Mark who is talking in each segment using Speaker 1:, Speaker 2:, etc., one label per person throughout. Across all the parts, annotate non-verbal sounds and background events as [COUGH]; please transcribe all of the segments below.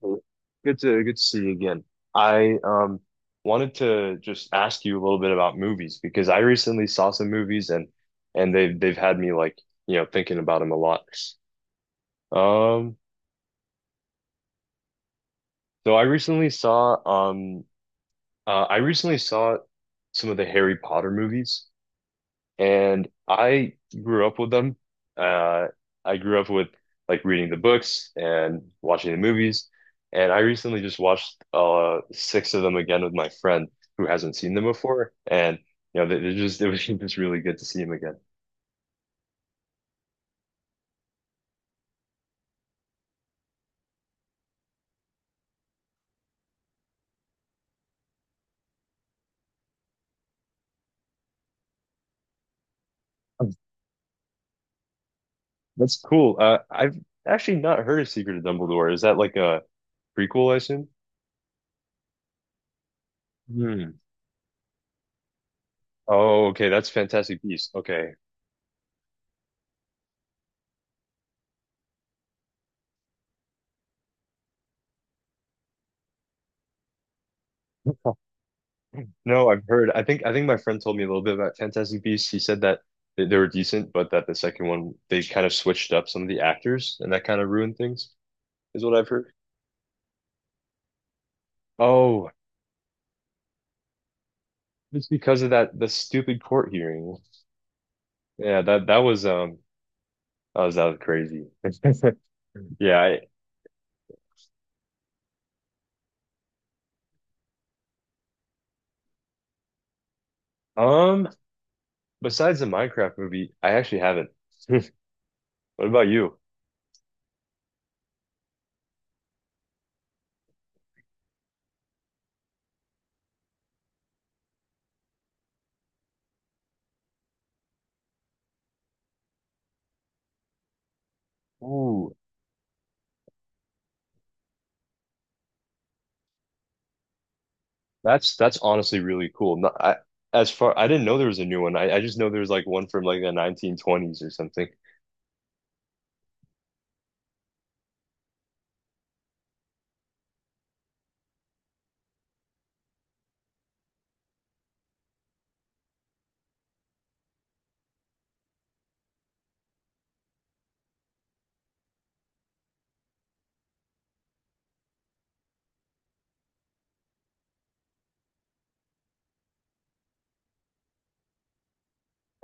Speaker 1: Well, good to see you again. I wanted to just ask you a little bit about movies because I recently saw some movies and and they've had me thinking about them a lot. Um so um I recently saw some of the Harry Potter movies. And I grew up with them. Uh, I grew up with like reading the books and watching the movies. And I recently just watched six of them again with my friend who hasn't seen them before. And they just it was [LAUGHS] just really good to see them again. Oh, that's cool. I've actually not heard of Secret of Dumbledore. Is that like a prequel, I assume? Hmm. Oh, okay. That's Fantastic Beasts. Okay. [LAUGHS] No, I've heard. I think my friend told me a little bit about Fantastic Beasts. He said that they were decent, but that the second one they kind of switched up some of the actors, and that kind of ruined things, is what I've heard. Oh, it's because of that the stupid court hearing. Yeah, that was that was crazy. [LAUGHS] Yeah, I, besides the Minecraft movie, I actually haven't. What about you? Ooh, that's honestly really cool. Not, I as far I didn't know there was a new one. I just know there was like one from like the 1920s or something.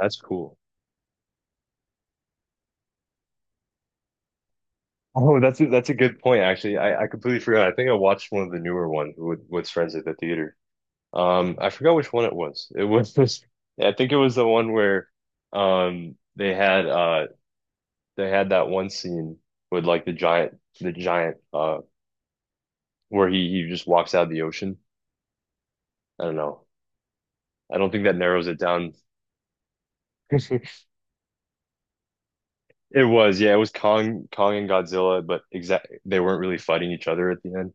Speaker 1: That's cool. Oh, that's a good point, actually. I completely forgot. I think I watched one of the newer ones with friends at the theater. I forgot which one it was. It was [LAUGHS] I think it was the one where um they had uh they had that one scene with like the giant where he just walks out of the ocean. I don't know. I don't think that narrows it down. [LAUGHS] It was, yeah, it was Kong and Godzilla, but exact they weren't really fighting each other at the end.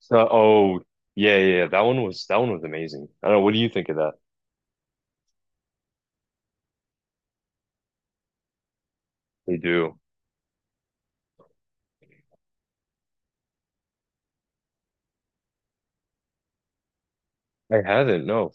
Speaker 1: So, oh, yeah, that one was amazing. I don't know. What do you think of that? They do. I haven't. No.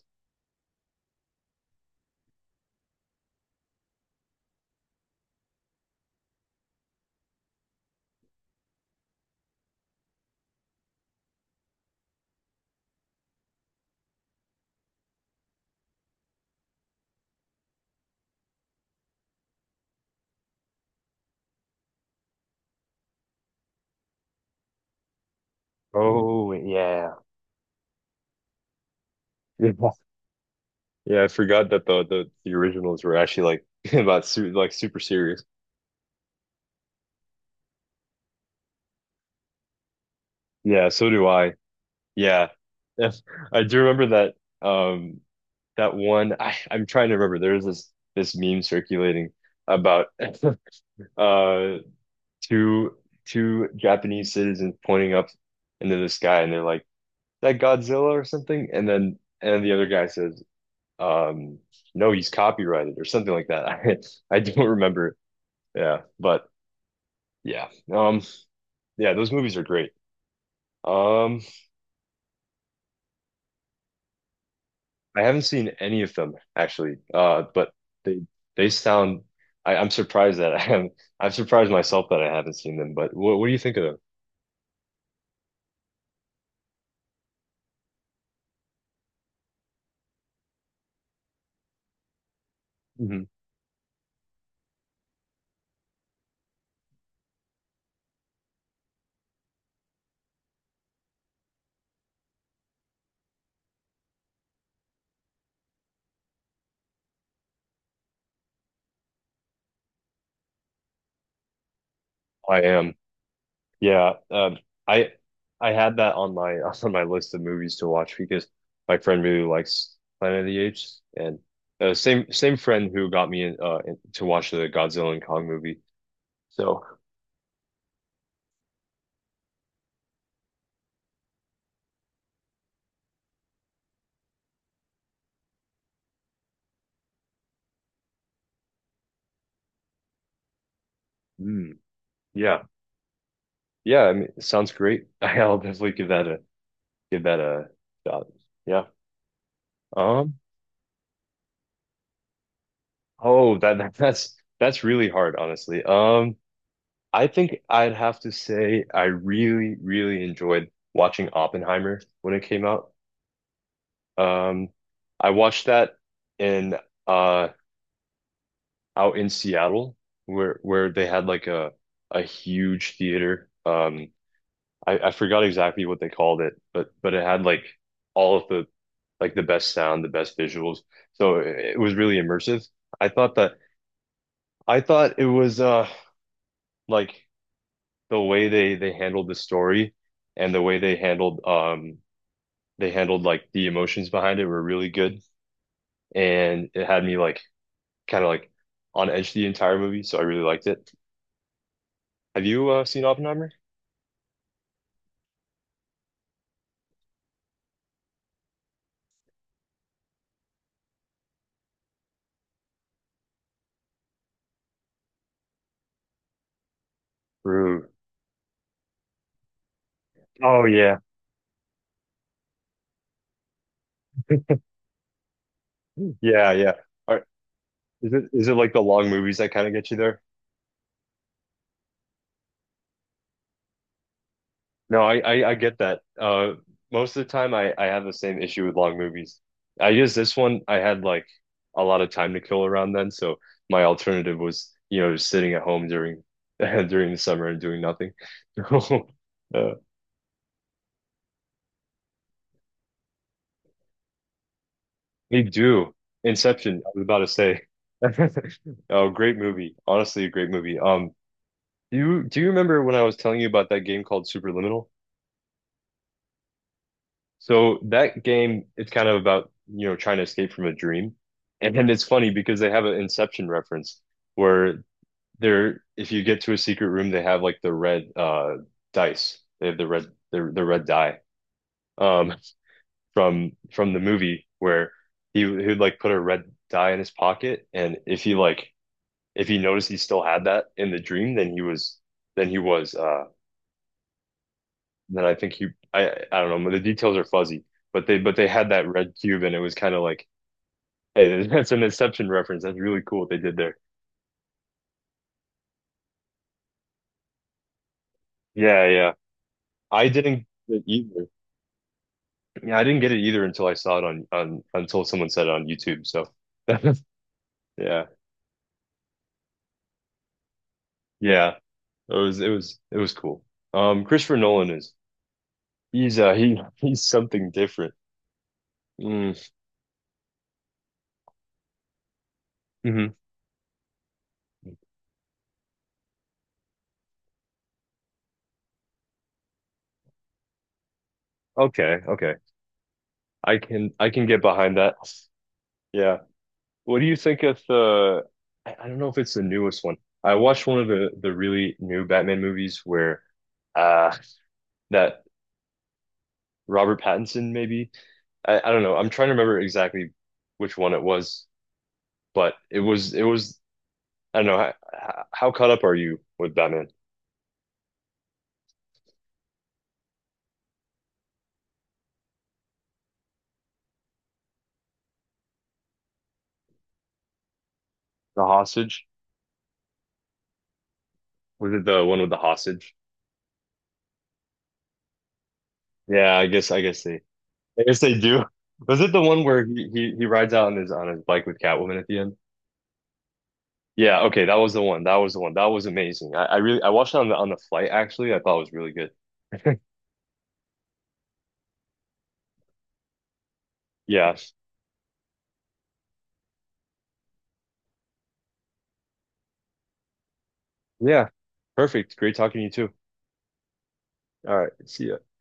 Speaker 1: Oh, yeah. [LAUGHS] Yeah, Yeah, I forgot that the originals were actually like [LAUGHS] about su like super serious. Yeah, so do I. Yeah, [LAUGHS] yes. I do remember that. That one. I'm trying to remember. There's this meme circulating about [LAUGHS] uh two two Japanese citizens pointing up into the sky, and they're like that Godzilla or something, and then and the other guy says, um, no, he's copyrighted or something like that. [LAUGHS] I don't remember. Yeah, but yeah, um, yeah, those movies are great. Um, I haven't seen any of them actually, but they sound. I'm surprised that I haven't. I'm surprised myself that I haven't seen them. But what do you think of them? Mhm. I am. Yeah, I I had that on my [LAUGHS] on my list of movies to watch because my friend really likes Planet of the Apes, and same friend who got me in, to watch the Godzilla and Kong movie. So, mm, yeah, yeah, I mean, it sounds great. [LAUGHS] I'll definitely give that a shot. Yeah. Um. Oh, that, [LAUGHS] that's really hard, honestly. I think I'd have to say I really enjoyed watching Oppenheimer when it came out. Um, I watched that in uh out in Seattle where they had like a huge theater. I forgot exactly what they called it, but it had like all of the like the best sound, the best visuals. So it was really immersive. I thought that I thought it was like the way they handled the story and the way they handled like the emotions behind it were really good and it had me like on edge the entire movie, so I really liked it. Have you seen Oppenheimer? Ooh. Oh yeah, yeah. Are, is it like the long movies that kind of get you there? No, I get that. Most of the time, I have the same issue with long movies. I guess this one I had like a lot of time to kill around then, so my alternative was just sitting at home during [LAUGHS] during the summer and doing nothing. [LAUGHS] Uh, we do. Inception, I was about to say. [LAUGHS] Oh, great movie. Honestly, a great movie. Do you remember when I was telling you about that game called Superliminal? So that game, it's kind of about, you know, trying to escape from a dream. And then it's funny because they have an Inception reference where they're if you get to a secret room, they have like the red dice. They have the red die um from the movie where he would like put a red die in his pocket and if he like if he noticed he still had that in the dream, then he was then I think he I don't know, the details are fuzzy, but they had that red cube and it was kind of like, hey, [LAUGHS] that's an Inception reference. That's really cool what they did there. Yeah, yeah. I didn't get it either. Yeah, I didn't get it either until I saw it on until someone said it on YouTube. So [LAUGHS] yeah. Yeah. It was it was it was cool. Um, Christopher Nolan is he [LAUGHS] he's something different. Mm, hmm. Okay, okay. I can get behind that. Yeah. What do you think of the I don't know if it's the newest one. I watched one of the really new Batman movies where uh that Robert Pattinson maybe I don't know. I'm trying to remember exactly which one it was, but it was I don't know how caught up are you with Batman? The hostage? Was it the one with the hostage? Yeah, I guess they they do. [LAUGHS] Was it the one where he rides out on his bike with Catwoman at the end? Yeah, okay, that was the one. That was the one. That was amazing. I watched it on the flight actually. I thought it was really good. Yeah. Yeah. Perfect. Great talking to you too. All right. See ya.